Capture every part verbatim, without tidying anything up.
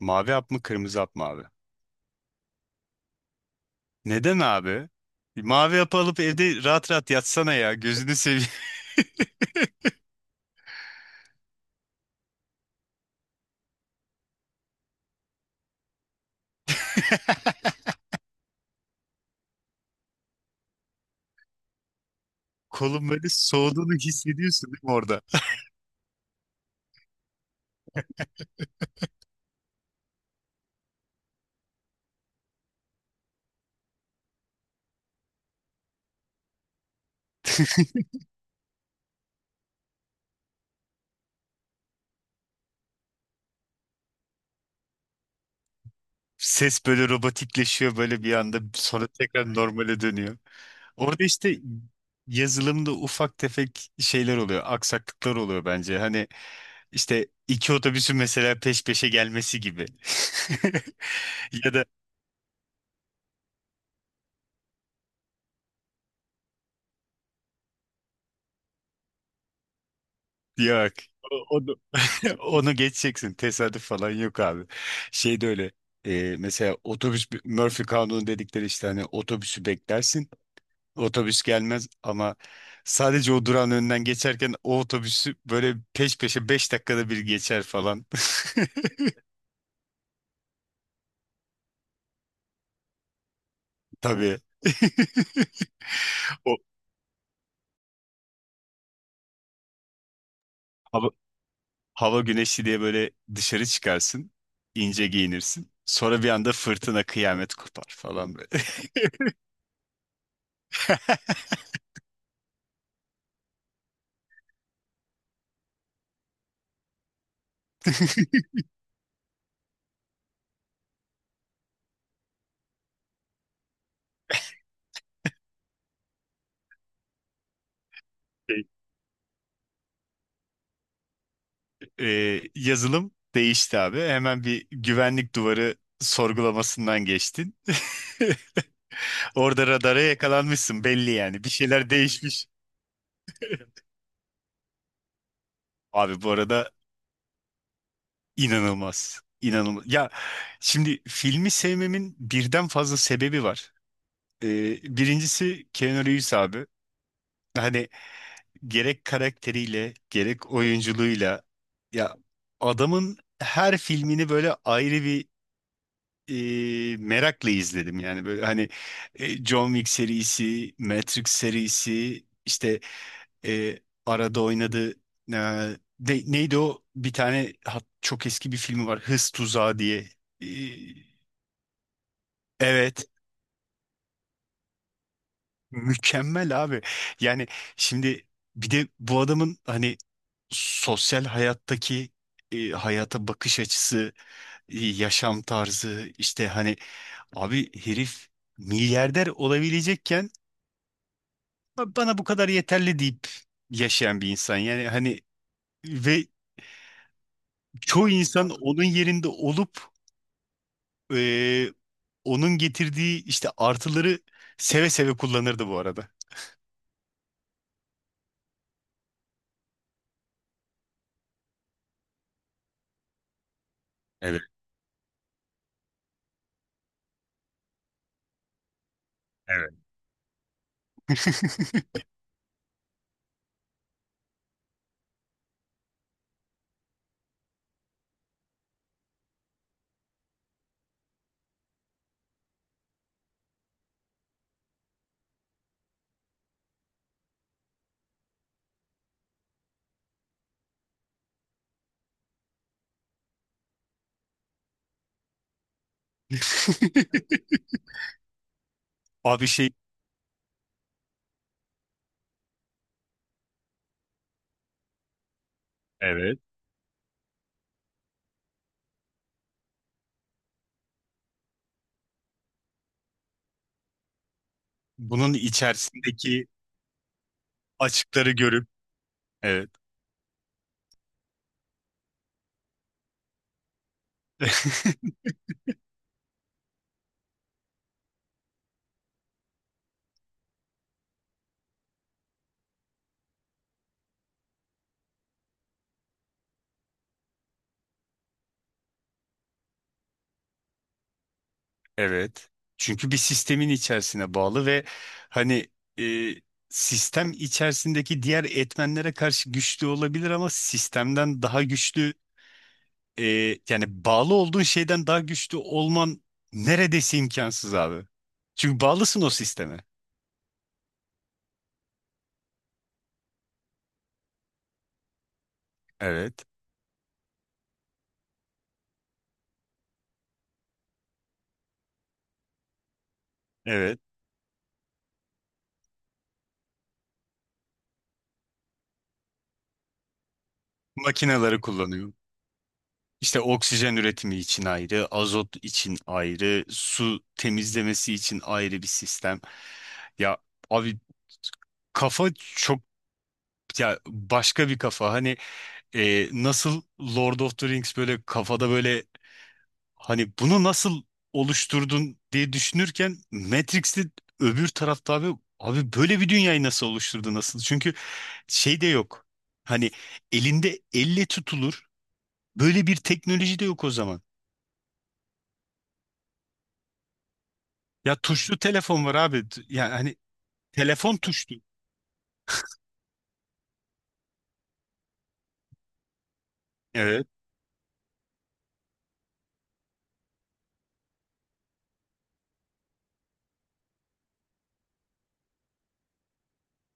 Mavi hap mı kırmızı hap mı abi? Neden abi? Mavi hap alıp evde rahat rahat yatsana ya. Gözünü seveyim. Kolun böyle soğuduğunu hissediyorsun değil mi orada? Ses böyle robotikleşiyor böyle bir anda, sonra tekrar normale dönüyor. Orada işte yazılımda ufak tefek şeyler oluyor, aksaklıklar oluyor bence. Hani işte iki otobüsün mesela peş peşe gelmesi gibi. Ya da. Yok. O- Onu, onu geçeceksin. Tesadüf falan yok abi. Şey de öyle. e, mesela otobüs Murphy kanunu dedikleri, işte hani otobüsü beklersin. Otobüs gelmez ama sadece o durağın önünden geçerken o otobüsü böyle peş peşe beş dakikada bir geçer falan. Tabii. O hava, hava güneşli diye böyle dışarı çıkarsın. İnce giyinirsin. Sonra bir anda fırtına kıyamet kopar falan böyle. e, yazılım değişti abi. Hemen bir güvenlik duvarı sorgulamasından geçtin. Orada radara yakalanmışsın belli yani. Bir şeyler değişmiş. Abi bu arada inanılmaz. İnanılmaz. Ya şimdi, filmi sevmemin birden fazla sebebi var. Ee, birincisi Keanu Reeves abi. Hani gerek karakteriyle gerek oyunculuğuyla, ya, adamın her filmini böyle ayrı bir e, merakla izledim yani, böyle hani e, John Wick serisi, Matrix serisi, işte e, arada oynadı. E, de- neydi o bir tane hat- çok eski bir filmi var, Hız Tuzağı diye. E, evet mükemmel abi, yani şimdi bir de bu adamın hani sosyal hayattaki e, hayata bakış açısı, e, yaşam tarzı işte, hani abi, herif milyarder olabilecekken bana bu kadar yeterli deyip yaşayan bir insan. Yani hani, ve çoğu insan onun yerinde olup e, onun getirdiği işte artıları seve seve kullanırdı bu arada. Abi şey, bunun içerisindeki açıkları görüp, evet. Evet. Çünkü bir sistemin içerisine bağlı ve hani, e, sistem içerisindeki diğer etmenlere karşı güçlü olabilir ama sistemden daha güçlü, e, yani bağlı olduğun şeyden daha güçlü olman neredeyse imkansız abi. Çünkü bağlısın o sisteme. Evet. Evet. Makineleri kullanıyor. İşte oksijen üretimi için ayrı, azot için ayrı, su temizlemesi için ayrı bir sistem. Ya abi, kafa çok, ya, başka bir kafa. Hani e, nasıl Lord of the Rings böyle kafada böyle, hani bunu nasıl oluşturdun diye düşünürken Matrix'te öbür tarafta, abi, abi, böyle bir dünyayı nasıl oluşturdu, nasıl? Çünkü şey de yok. Hani elinde elle tutulur böyle bir teknoloji de yok o zaman. Ya tuşlu telefon var abi. T- Yani hani, telefon tuşlu. Evet,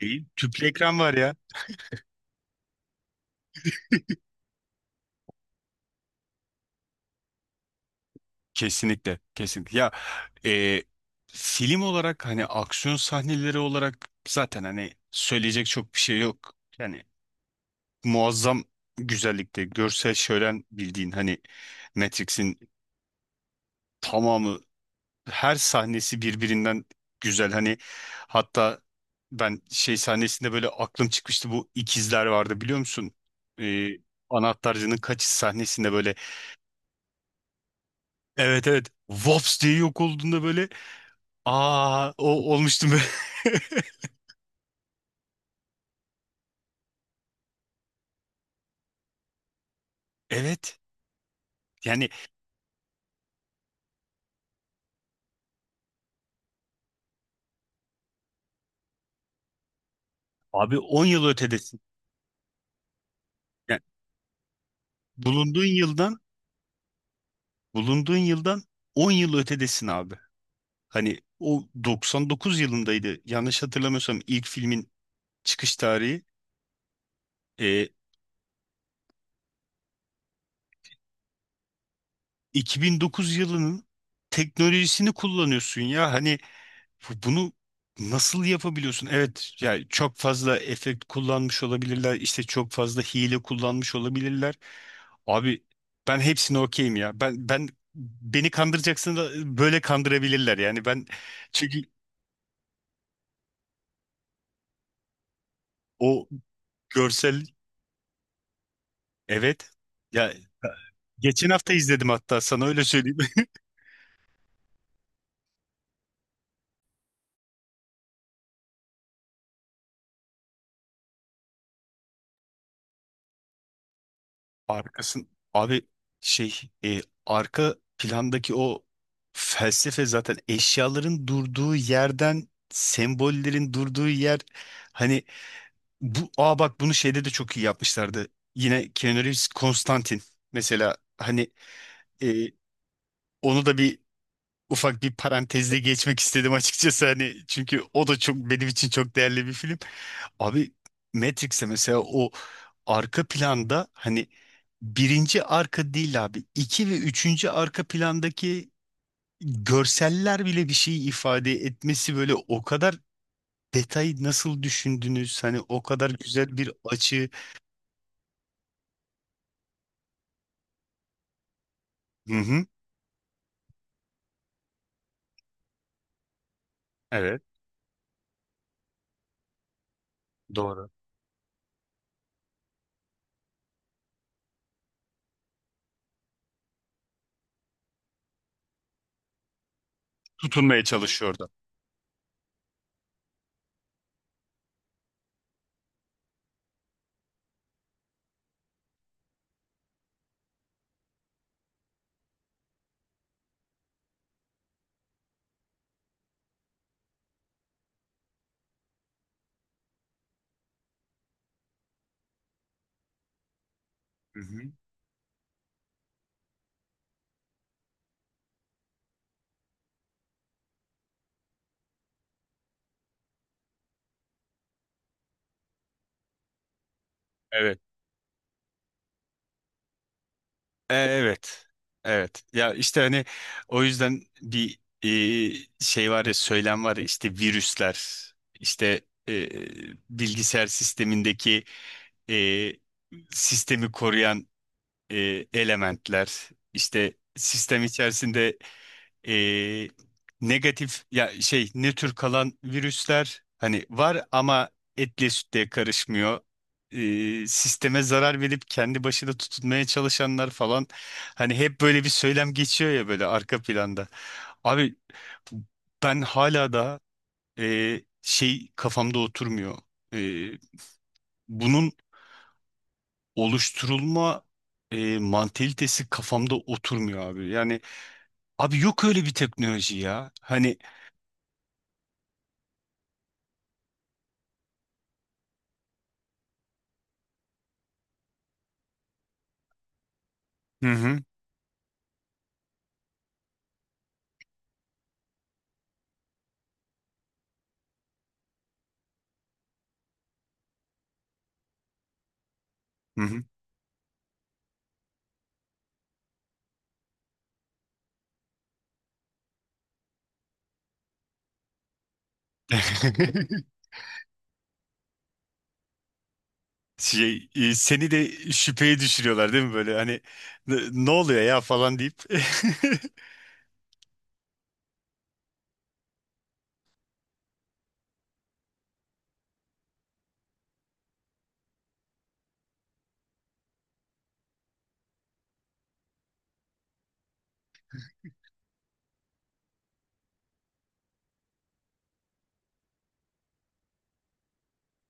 değil. Tüplü ekran var ya. Kesinlikle. Kesinlikle. Ya e, film olarak, hani aksiyon sahneleri olarak, zaten hani söyleyecek çok bir şey yok. Yani muazzam güzellikte görsel şölen, bildiğin hani Matrix'in tamamı, her sahnesi birbirinden güzel hani, hatta ben şey sahnesinde böyle aklım çıkmıştı, bu ikizler vardı biliyor musun? Ee, anahtarcının kaçış sahnesinde böyle, evet evet, Vops diye yok olduğunda böyle, aa, o olmuştum böyle. Evet yani, abi on yıl ötedesin. Yani bulunduğun yıldan bulunduğun yıldan on yıl ötedesin abi. Hani o doksan dokuz yılındaydı, yanlış hatırlamıyorsam ilk filmin çıkış tarihi. E, iki bin dokuz yılının teknolojisini kullanıyorsun ya. Hani bu- bunu nasıl yapabiliyorsun? Evet, yani çok fazla efekt kullanmış olabilirler. İşte çok fazla hile kullanmış olabilirler. Abi ben hepsine okeyim ya. Ben ben beni kandıracaksın, da böyle kandırabilirler yani. Ben, çünkü o görsel, evet. Ya, geçen hafta izledim hatta, sana öyle söyleyeyim. Arkasın abi, şey e, arka plandaki o felsefe, zaten eşyaların durduğu yerden sembollerin durduğu yer, hani bu, aa bak, bunu şeyde de çok iyi yapmışlardı. Yine Keanu Reeves Konstantin mesela, hani e, onu da bir ufak bir parantezle geçmek istedim açıkçası, hani çünkü o da çok benim için çok değerli bir film. Abi Matrix'e mesela, o arka planda hani, birinci arka değil abi, iki ve üçüncü arka plandaki görseller bile bir şey ifade etmesi, böyle o kadar detayı nasıl düşündünüz hani, o kadar güzel bir açı. Hı hı. Evet, doğru. Tutunmaya çalışıyor orada. Hı hı. Evet. E, Evet. Evet. Ya işte hani o yüzden bir e, şey var ya, söylem var ya, işte virüsler, işte e, bilgisayar sistemindeki e, sistemi koruyan e, elementler, işte sistem içerisinde e, negatif ya şey, nötr kalan virüsler hani var ama etle sütle karışmıyor. E, sisteme zarar verip kendi başına tutunmaya çalışanlar falan, hani hep böyle bir söylem geçiyor ya böyle arka planda. Abi ben hala da e, şey kafamda oturmuyor. E, bunun oluşturulma e, mantalitesi kafamda oturmuyor abi. Yani abi, yok öyle bir teknoloji ya. Hani. Hı hı. Hı hı. Şey, e, seni de şüpheye düşürüyorlar değil mi, böyle hani "N- ne oluyor ya" falan deyip.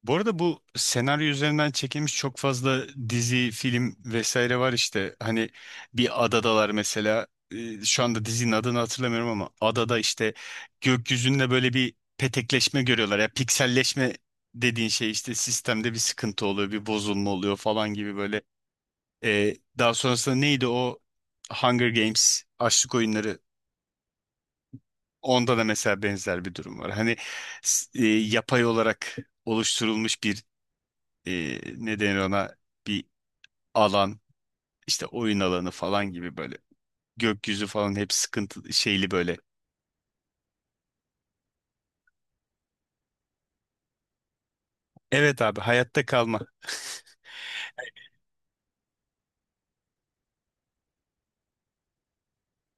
Bu arada bu senaryo üzerinden çekilmiş çok fazla dizi, film vesaire var işte. Hani bir adadalar mesela. E, Şu anda dizinin adını hatırlamıyorum, ama adada işte gökyüzünde böyle bir petekleşme görüyorlar. Ya, pikselleşme dediğin şey işte, sistemde bir sıkıntı oluyor, bir bozulma oluyor falan gibi böyle. Ee, daha sonrasında neydi o, Hunger Games, açlık oyunları, onda da mesela benzer bir durum var. Hani s- e, yapay olarak oluşturulmuş bir, e, ne denir ona, bir alan işte, oyun alanı falan gibi böyle, gökyüzü falan hep sıkıntı şeyli böyle. Evet abi, hayatta kalma.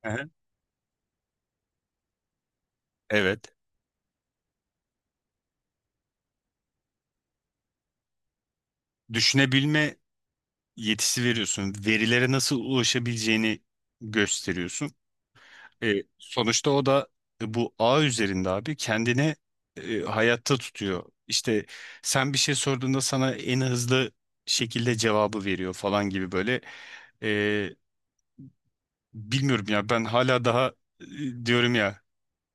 Aha. Evet. Düşünebilme yetisi veriyorsun. Verilere nasıl ulaşabileceğini gösteriyorsun. E, sonuçta o da e, bu ağ üzerinde abi kendini e, hayatta tutuyor. İşte sen bir şey sorduğunda sana en hızlı şekilde cevabı veriyor falan gibi böyle. E, bilmiyorum ya, ben hala daha e, diyorum ya,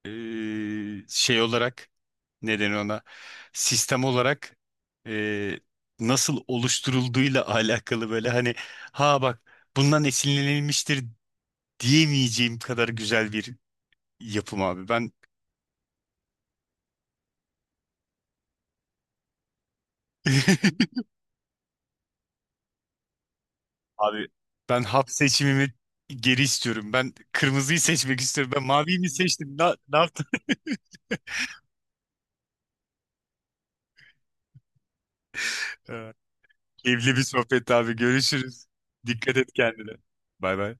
e, şey olarak, neden ona sistem olarak e, nasıl oluşturulduğuyla alakalı, böyle hani, ha bak, bundan esinlenilmiştir diyemeyeceğim kadar güzel bir yapım abi. Ben. Abi ben hap seçimimi geri istiyorum. Ben kırmızıyı seçmek istiyorum. Ben maviyi mi seçtim? Ne, ne yaptım? Ee, Keyifli bir sohbet abi. Görüşürüz. Dikkat et kendine. Bay bay.